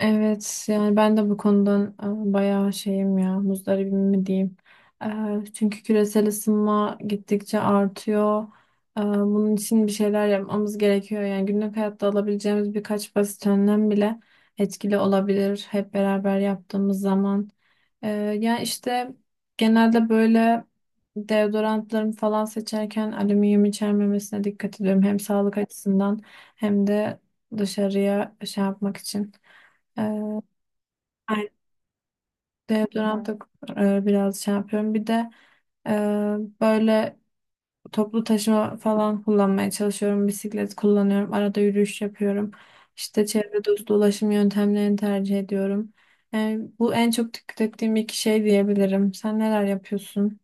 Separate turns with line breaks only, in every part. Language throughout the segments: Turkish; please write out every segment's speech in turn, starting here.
Evet, yani ben de bu konudan bayağı şeyim ya, muzdaribim mi diyeyim. Çünkü küresel ısınma gittikçe artıyor. Bunun için bir şeyler yapmamız gerekiyor. Yani günlük hayatta alabileceğimiz birkaç basit önlem bile etkili olabilir hep beraber yaptığımız zaman. E, Yani işte genelde böyle deodorantlarımı falan seçerken alüminyum içermemesine dikkat ediyorum. Hem sağlık açısından hem de dışarıya şey yapmak için. Ee, Ben deodorant da biraz şey yapıyorum. Bir de e, böyle toplu taşıma falan kullanmaya çalışıyorum. Bisiklet kullanıyorum. Arada yürüyüş yapıyorum. İşte çevre dostu ulaşım yöntemlerini tercih ediyorum. Yani bu en çok dikkat ettiğim iki şey diyebilirim. Sen neler yapıyorsun?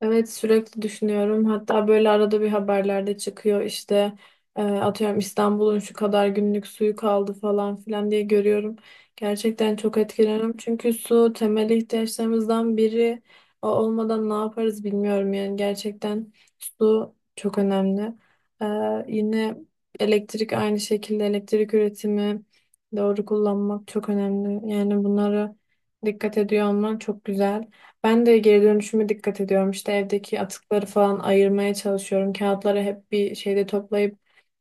Evet, sürekli düşünüyorum. Hatta böyle arada bir haberlerde çıkıyor işte atıyorum İstanbul'un şu kadar günlük suyu kaldı falan filan diye görüyorum. Gerçekten çok etkileniyorum. Çünkü su temel ihtiyaçlarımızdan biri. O olmadan ne yaparız bilmiyorum, yani gerçekten su çok önemli. E, Yine elektrik, aynı şekilde elektrik üretimi, doğru kullanmak çok önemli. Yani bunlara dikkat ediyor olman çok güzel. Ben de geri dönüşüme dikkat ediyorum. İşte evdeki atıkları falan ayırmaya çalışıyorum. Kağıtları hep bir şeyde toplayıp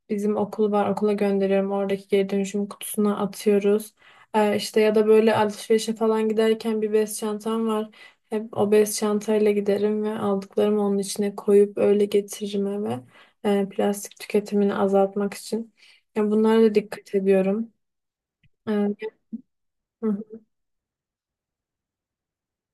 bizim okul var, okula gönderiyorum. Oradaki geri dönüşüm kutusuna atıyoruz. İşte ya da böyle alışverişe falan giderken bir bez çantam var. Hep o bez çantayla giderim ve aldıklarımı onun içine koyup öyle getiririm eve. Plastik tüketimini azaltmak için. Ya, bunlara da dikkat ediyorum. Ee, hı.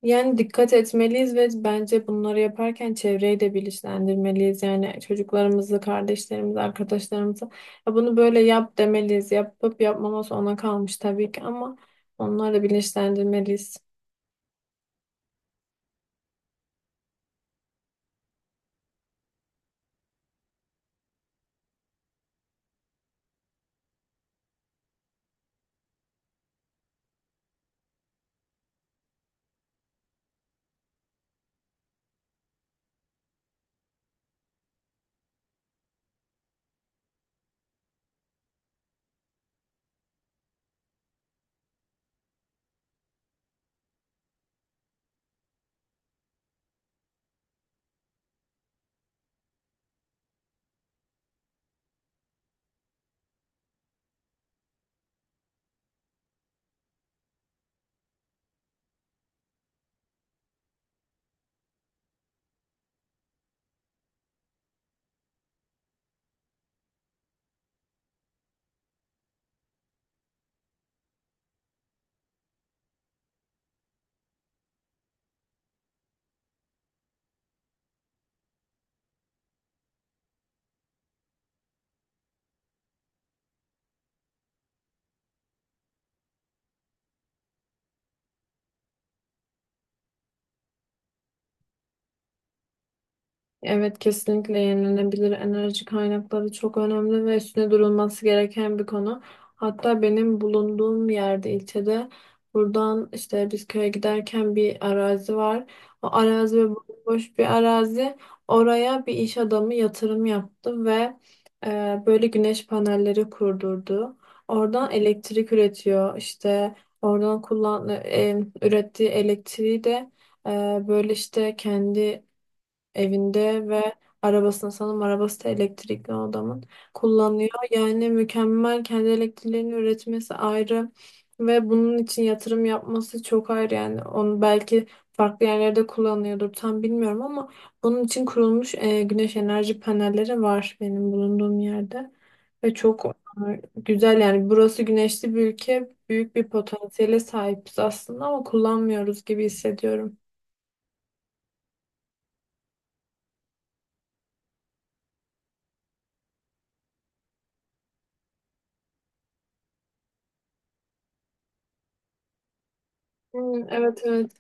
Yani dikkat etmeliyiz ve bence bunları yaparken çevreyi de bilinçlendirmeliyiz. Yani çocuklarımızı, kardeşlerimizi, arkadaşlarımızı "Ya, bunu böyle yap" demeliyiz. Yapıp yapmaması ona kalmış tabii ki, ama onları da bilinçlendirmeliyiz. Evet, kesinlikle yenilenebilir enerji kaynakları çok önemli ve üstüne durulması gereken bir konu. Hatta benim bulunduğum yerde, ilçede, buradan işte biz köye giderken bir arazi var. O arazi ve boş bir arazi. Oraya bir iş adamı yatırım yaptı ve böyle güneş panelleri kurdurdu. Oradan elektrik üretiyor. İşte oradan ürettiği elektriği de e, böyle işte kendi evinde ve arabasını, sanırım arabası da elektrikli o adamın, kullanıyor. Yani mükemmel, kendi elektriklerini üretmesi ayrı ve bunun için yatırım yapması çok ayrı. Yani onu belki farklı yerlerde kullanıyordur, tam bilmiyorum, ama bunun için kurulmuş güneş enerji panelleri var benim bulunduğum yerde ve çok güzel. Yani burası güneşli bir ülke, büyük bir potansiyele sahibiz aslında ama kullanmıyoruz gibi hissediyorum. Hmm, evet, evet.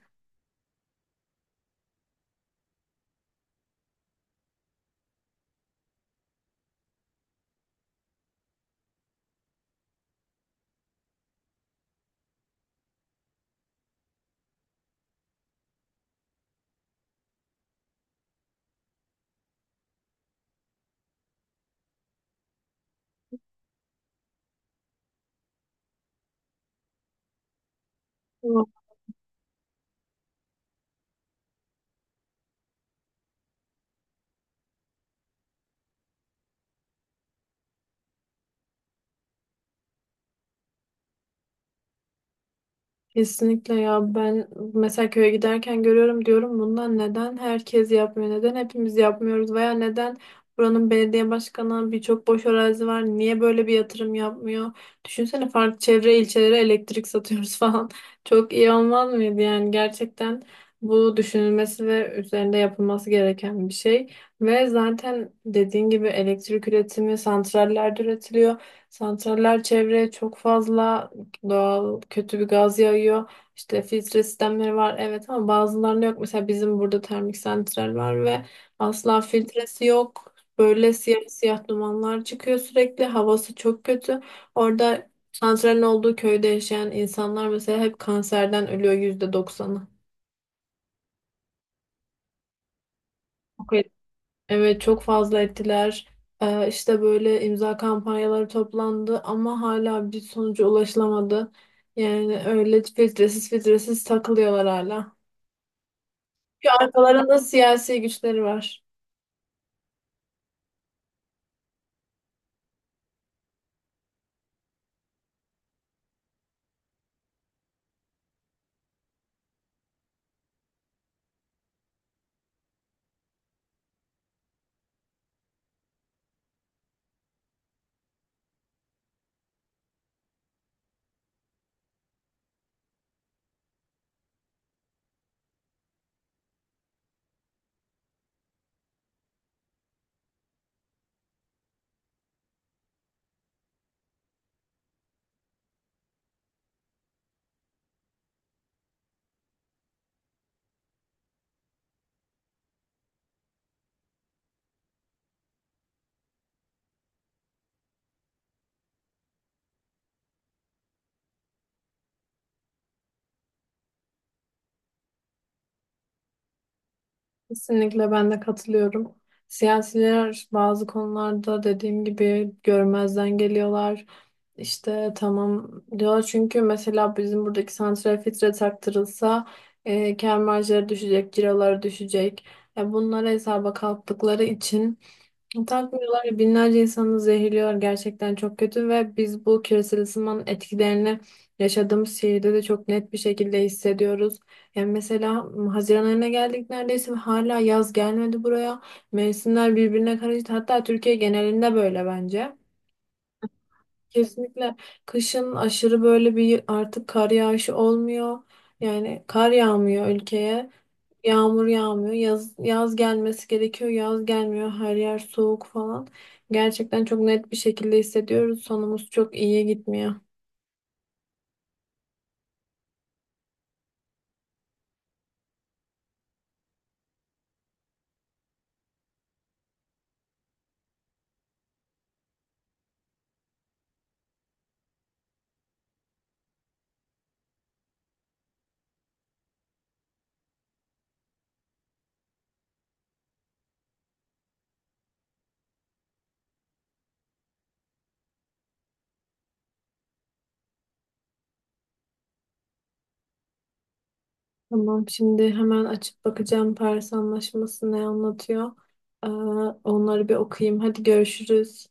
Kesinlikle. Ya ben mesela köye giderken görüyorum, diyorum bundan neden herkes yapmıyor, neden hepimiz yapmıyoruz veya neden buranın belediye başkanı, birçok boş arazi var, niye böyle bir yatırım yapmıyor? Düşünsene, farklı çevre ilçelere elektrik satıyoruz falan, çok iyi olmaz mıydı? Yani gerçekten bu, düşünülmesi ve üzerinde yapılması gereken bir şey. Ve zaten dediğin gibi elektrik üretimi santrallerde üretiliyor. Santraller çevreye çok fazla doğal kötü bir gaz yağıyor. İşte filtre sistemleri var, evet, ama bazılarında yok. Mesela bizim burada termik santral var ve asla filtresi yok. Böyle siyah siyah dumanlar çıkıyor sürekli. Havası çok kötü. Orada santralin olduğu köyde yaşayan insanlar mesela hep kanserden ölüyor, yüzde doksanı. Okey. Evet, çok fazla ettiler. İşte böyle imza kampanyaları toplandı ama hala bir sonuca ulaşılamadı. Yani öyle filtresiz filtresiz takılıyorlar hala. Çünkü arkalarında siyasi güçleri var. Kesinlikle, ben de katılıyorum. Siyasiler bazı konularda, dediğim gibi, görmezden geliyorlar. İşte tamam diyor, çünkü mesela bizim buradaki santrale filtre taktırılsa kâr marjları düşecek, ciroları düşecek. Ya bunları hesaba kattıkları için takmıyorlar ya, binlerce insanı zehirliyor, gerçekten çok kötü. Ve biz bu küresel ısınmanın etkilerini yaşadığımız şehirde de çok net bir şekilde hissediyoruz. Yani mesela Haziran ayına geldik neredeyse ve hala yaz gelmedi buraya. Mevsimler birbirine karıştı. Hatta Türkiye genelinde böyle bence. Kesinlikle. Kışın aşırı böyle bir, artık kar yağışı olmuyor. Yani kar yağmıyor ülkeye. Yağmur yağmıyor. Yaz, yaz gelmesi gerekiyor. Yaz gelmiyor. Her yer soğuk falan. Gerçekten çok net bir şekilde hissediyoruz. Sonumuz çok iyiye gitmiyor. Tamam, şimdi hemen açıp bakacağım Paris Anlaşması ne anlatıyor. Ee, Onları bir okuyayım. Hadi görüşürüz.